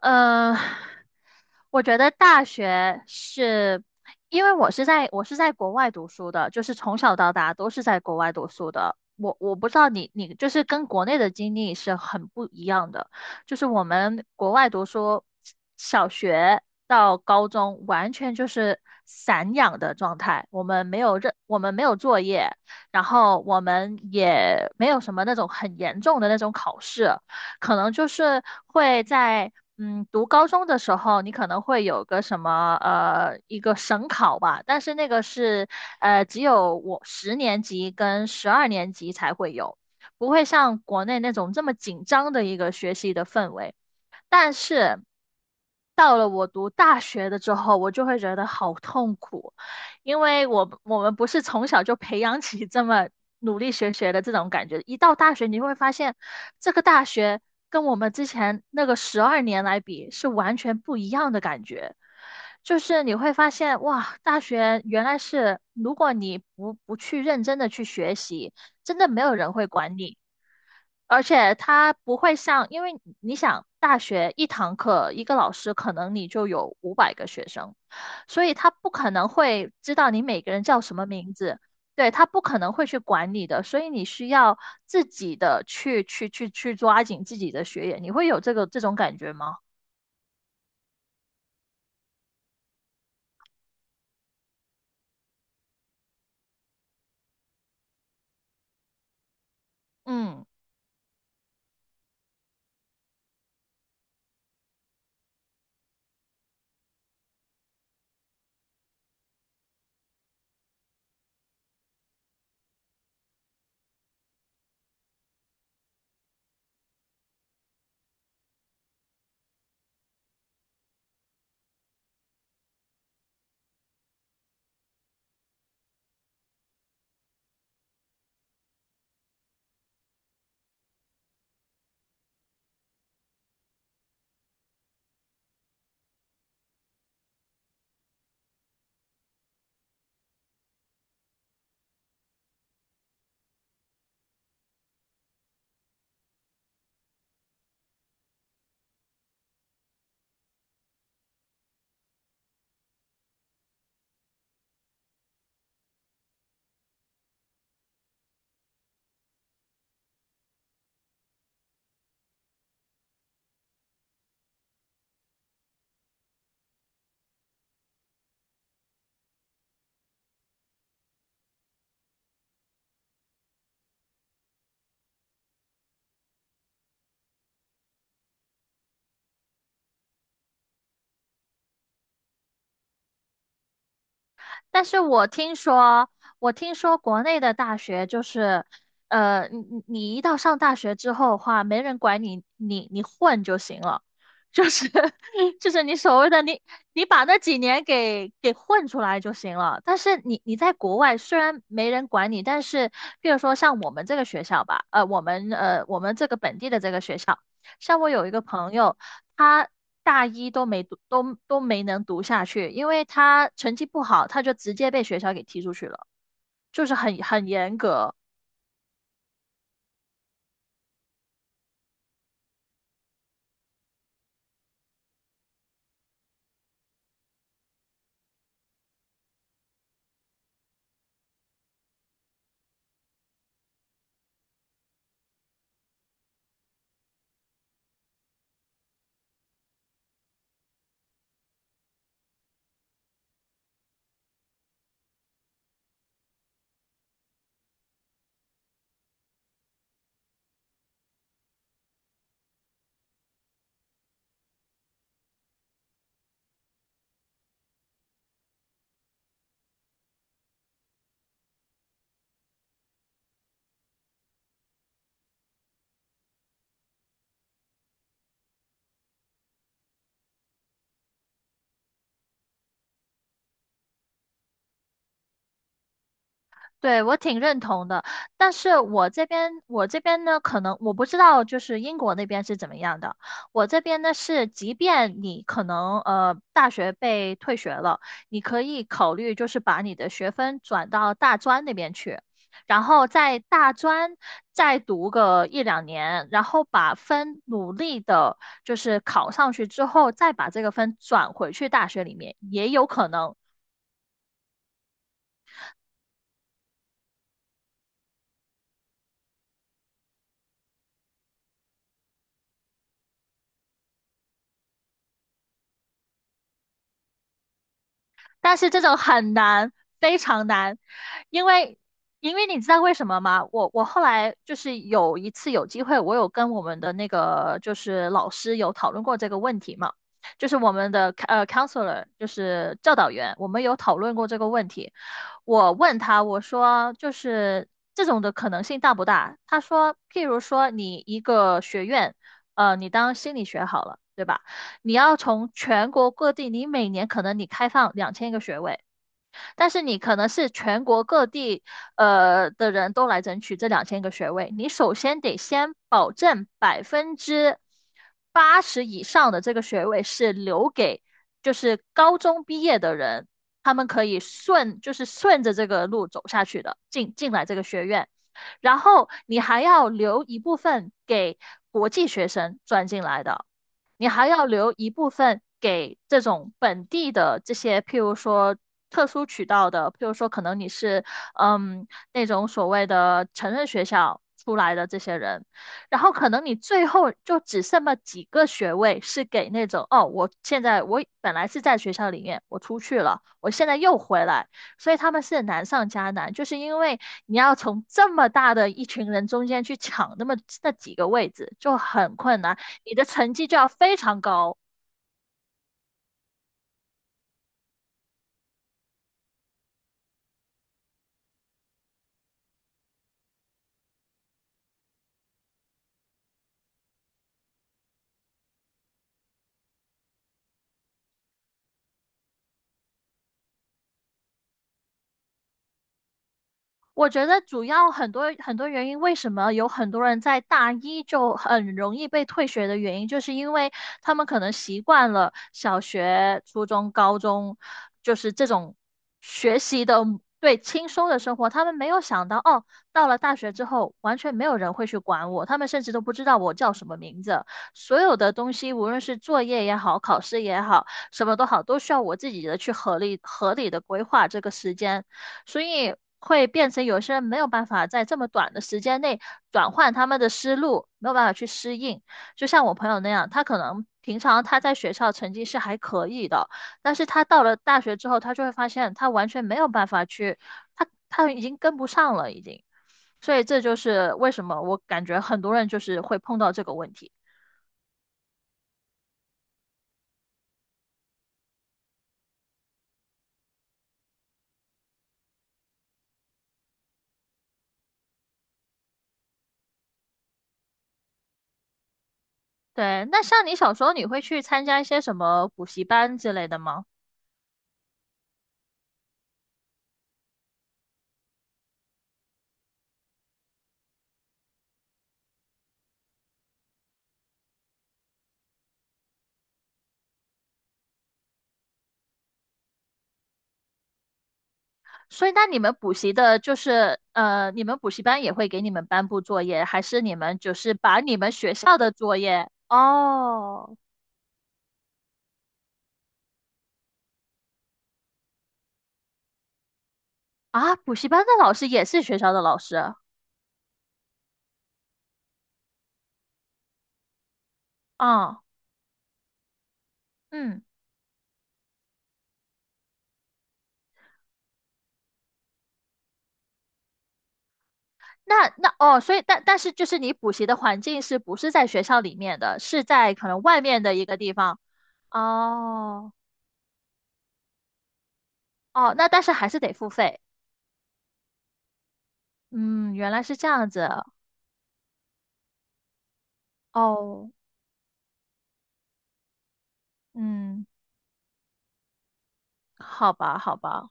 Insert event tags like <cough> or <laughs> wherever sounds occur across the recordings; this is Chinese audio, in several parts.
呃，我觉得大学是，因为我是在国外读书的，就是从小到大都是在国外读书的。我不知道你就是跟国内的经历是很不一样的，就是我们国外读书，小学到高中完全就是散养的状态，我们没有作业，然后我们也没有什么那种很严重的那种考试。可能就是会在读高中的时候，你可能会有个什么一个省考吧，但是那个是只有我10年级跟12年级才会有，不会像国内那种这么紧张的一个学习的氛围。但是到了我读大学的之后，我就会觉得好痛苦，因为我们不是从小就培养起这么努力学的这种感觉，一到大学你会发现，这个大学跟我们之前那个十二年来比是完全不一样的感觉。就是你会发现，哇，大学原来是，如果你不去认真的去学习，真的没有人会管你。而且他不会像，因为你想，大学一堂课一个老师可能你就有500个学生，所以他不可能会知道你每个人叫什么名字，对，他不可能会去管你的，所以你需要自己的去抓紧自己的学业，你会有这种感觉吗？嗯。但是我听说，我听说国内的大学就是，你一到上大学之后的话，没人管你，你混就行了，就是 <laughs> 就是你所谓的你把那几年给混出来就行了。但是你在国外虽然没人管你，但是比如说像我们这个学校吧，我们这个本地的这个学校。像我有一个朋友，他大一都没读，都没能读下去，因为他成绩不好，他就直接被学校给踢出去了，就是很严格。对，我挺认同的，但是我这边呢，可能我不知道就是英国那边是怎么样的。我这边呢是，即便你可能大学被退学了，你可以考虑就是把你的学分转到大专那边去，然后在大专再读个1两年，然后把分努力的就是考上去之后，再把这个分转回去大学里面，也有可能。但是这种很难，非常难，因为你知道为什么吗？我后来就是有一次有机会，我有跟我们的那个就是老师有讨论过这个问题嘛，就是我们的counselor 就是教导员，我们有讨论过这个问题。我问他，我说这种的可能性大不大？他说，譬如说你一个学院，你当心理学好了，对吧？你要从全国各地，你每年可能你开放两千个学位。但是你可能是全国各地的人都来争取这两千个学位，你首先得先保证80%以上的这个学位是留给就是高中毕业的人，他们可以顺就是顺着这个路走下去的，进来这个学院，然后你还要留一部分给国际学生转进来的。你还要留一部分给这种本地的这些，譬如说特殊渠道的，譬如说可能你是那种所谓的成人学校出来的这些人，然后可能你最后就只剩了几个学位是给那种哦，我本来是在学校里面，我出去了，我现在又回来，所以他们是难上加难，就是因为你要从这么大的一群人中间去抢那几个位置，就很困难。你的成绩就要非常高，我觉得主要很多原因，为什么有很多人在大一就很容易被退学的原因，就是因为他们可能习惯了小学、初中、高中，就是这种学习的对轻松的生活，他们没有想到哦，到了大学之后，完全没有人会去管我，他们甚至都不知道我叫什么名字，所有的东西，无论是作业也好，考试也好，什么都好，都需要我自己的去合理的规划这个时间。所以会变成有些人没有办法在这么短的时间内转换他们的思路，没有办法去适应。就像我朋友那样，他可能平常他在学校成绩是还可以的，但是他到了大学之后，他就会发现他完全没有办法去，他已经跟不上了，已经。所以这就是为什么我感觉很多人就是会碰到这个问题。对，那像你小时候，你会去参加一些什么补习班之类的吗？所以，那你们补习的，就是你们补习班也会给你们颁布作业，还是你们就是把你们学校的作业？哦，啊，补习班的老师也是学校的老师啊，哦，嗯，哦，所以但是就是你补习的环境是不是在学校里面的，是在可能外面的一个地方？哦，哦，那但是还是得付费。嗯，原来是这样子。哦，嗯，好吧，好吧。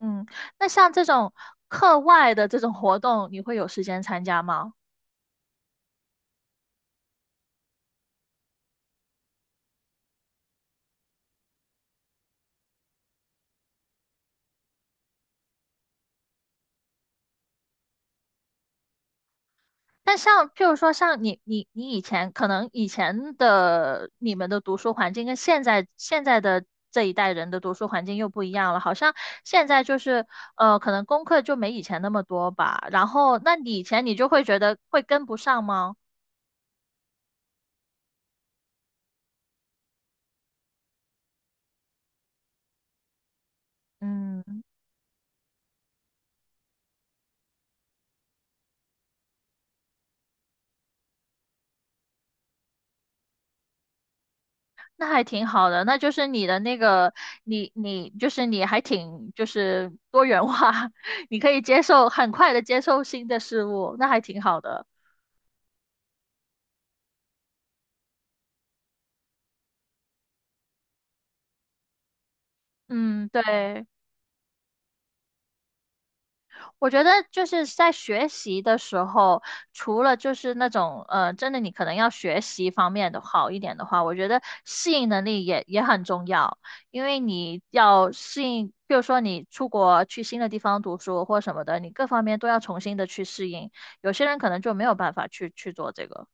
嗯，那像这种课外的这种活动，你会有时间参加吗？但像譬如说，像你以前可能以前的你们的读书环境跟现在的这一代人的读书环境又不一样了，好像现在就是可能功课就没以前那么多吧。然后，那你以前你就会觉得会跟不上吗？嗯，那还挺好的，那就是你的那个，就是你还挺就是多元化，<laughs> 你可以接受很快的接受新的事物，那还挺好的。嗯，对，我觉得就是在学习的时候，除了就是那种真的你可能要学习方面的好一点的话，我觉得适应能力也很重要，因为你要适应，比如说你出国去新的地方读书或什么的，你各方面都要重新的去适应。有些人可能就没有办法去做这个。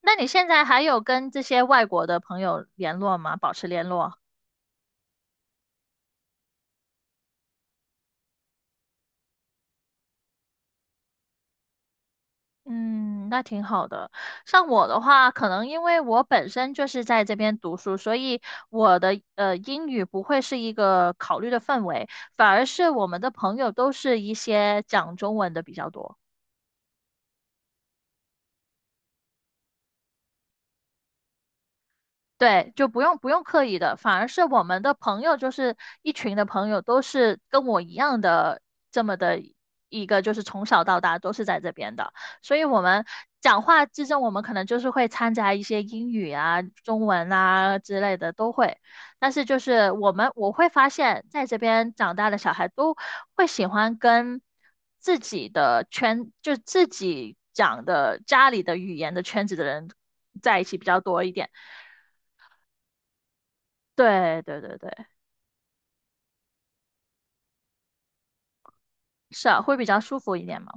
那你现在还有跟这些外国的朋友联络吗？保持联络？嗯，那挺好的。像我的话，可能因为我本身就是在这边读书，所以我的英语不会是一个考虑的范围，反而是我们的朋友都是一些讲中文的比较多。对，就不用刻意的，反而是我们的朋友，就是一群的朋友，都是跟我一样的这么的一个，就是从小到大都是在这边的，所以我们讲话之中，我们可能就是会掺杂一些英语啊、中文啊之类的都会，但是就是我会发现，在这边长大的小孩都会喜欢跟自己的圈，就自己讲的家里的语言的圈子的人在一起比较多一点。对对对对，是啊，会比较舒服一点嘛。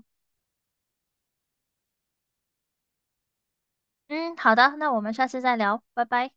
嗯，好的，那我们下次再聊，拜拜。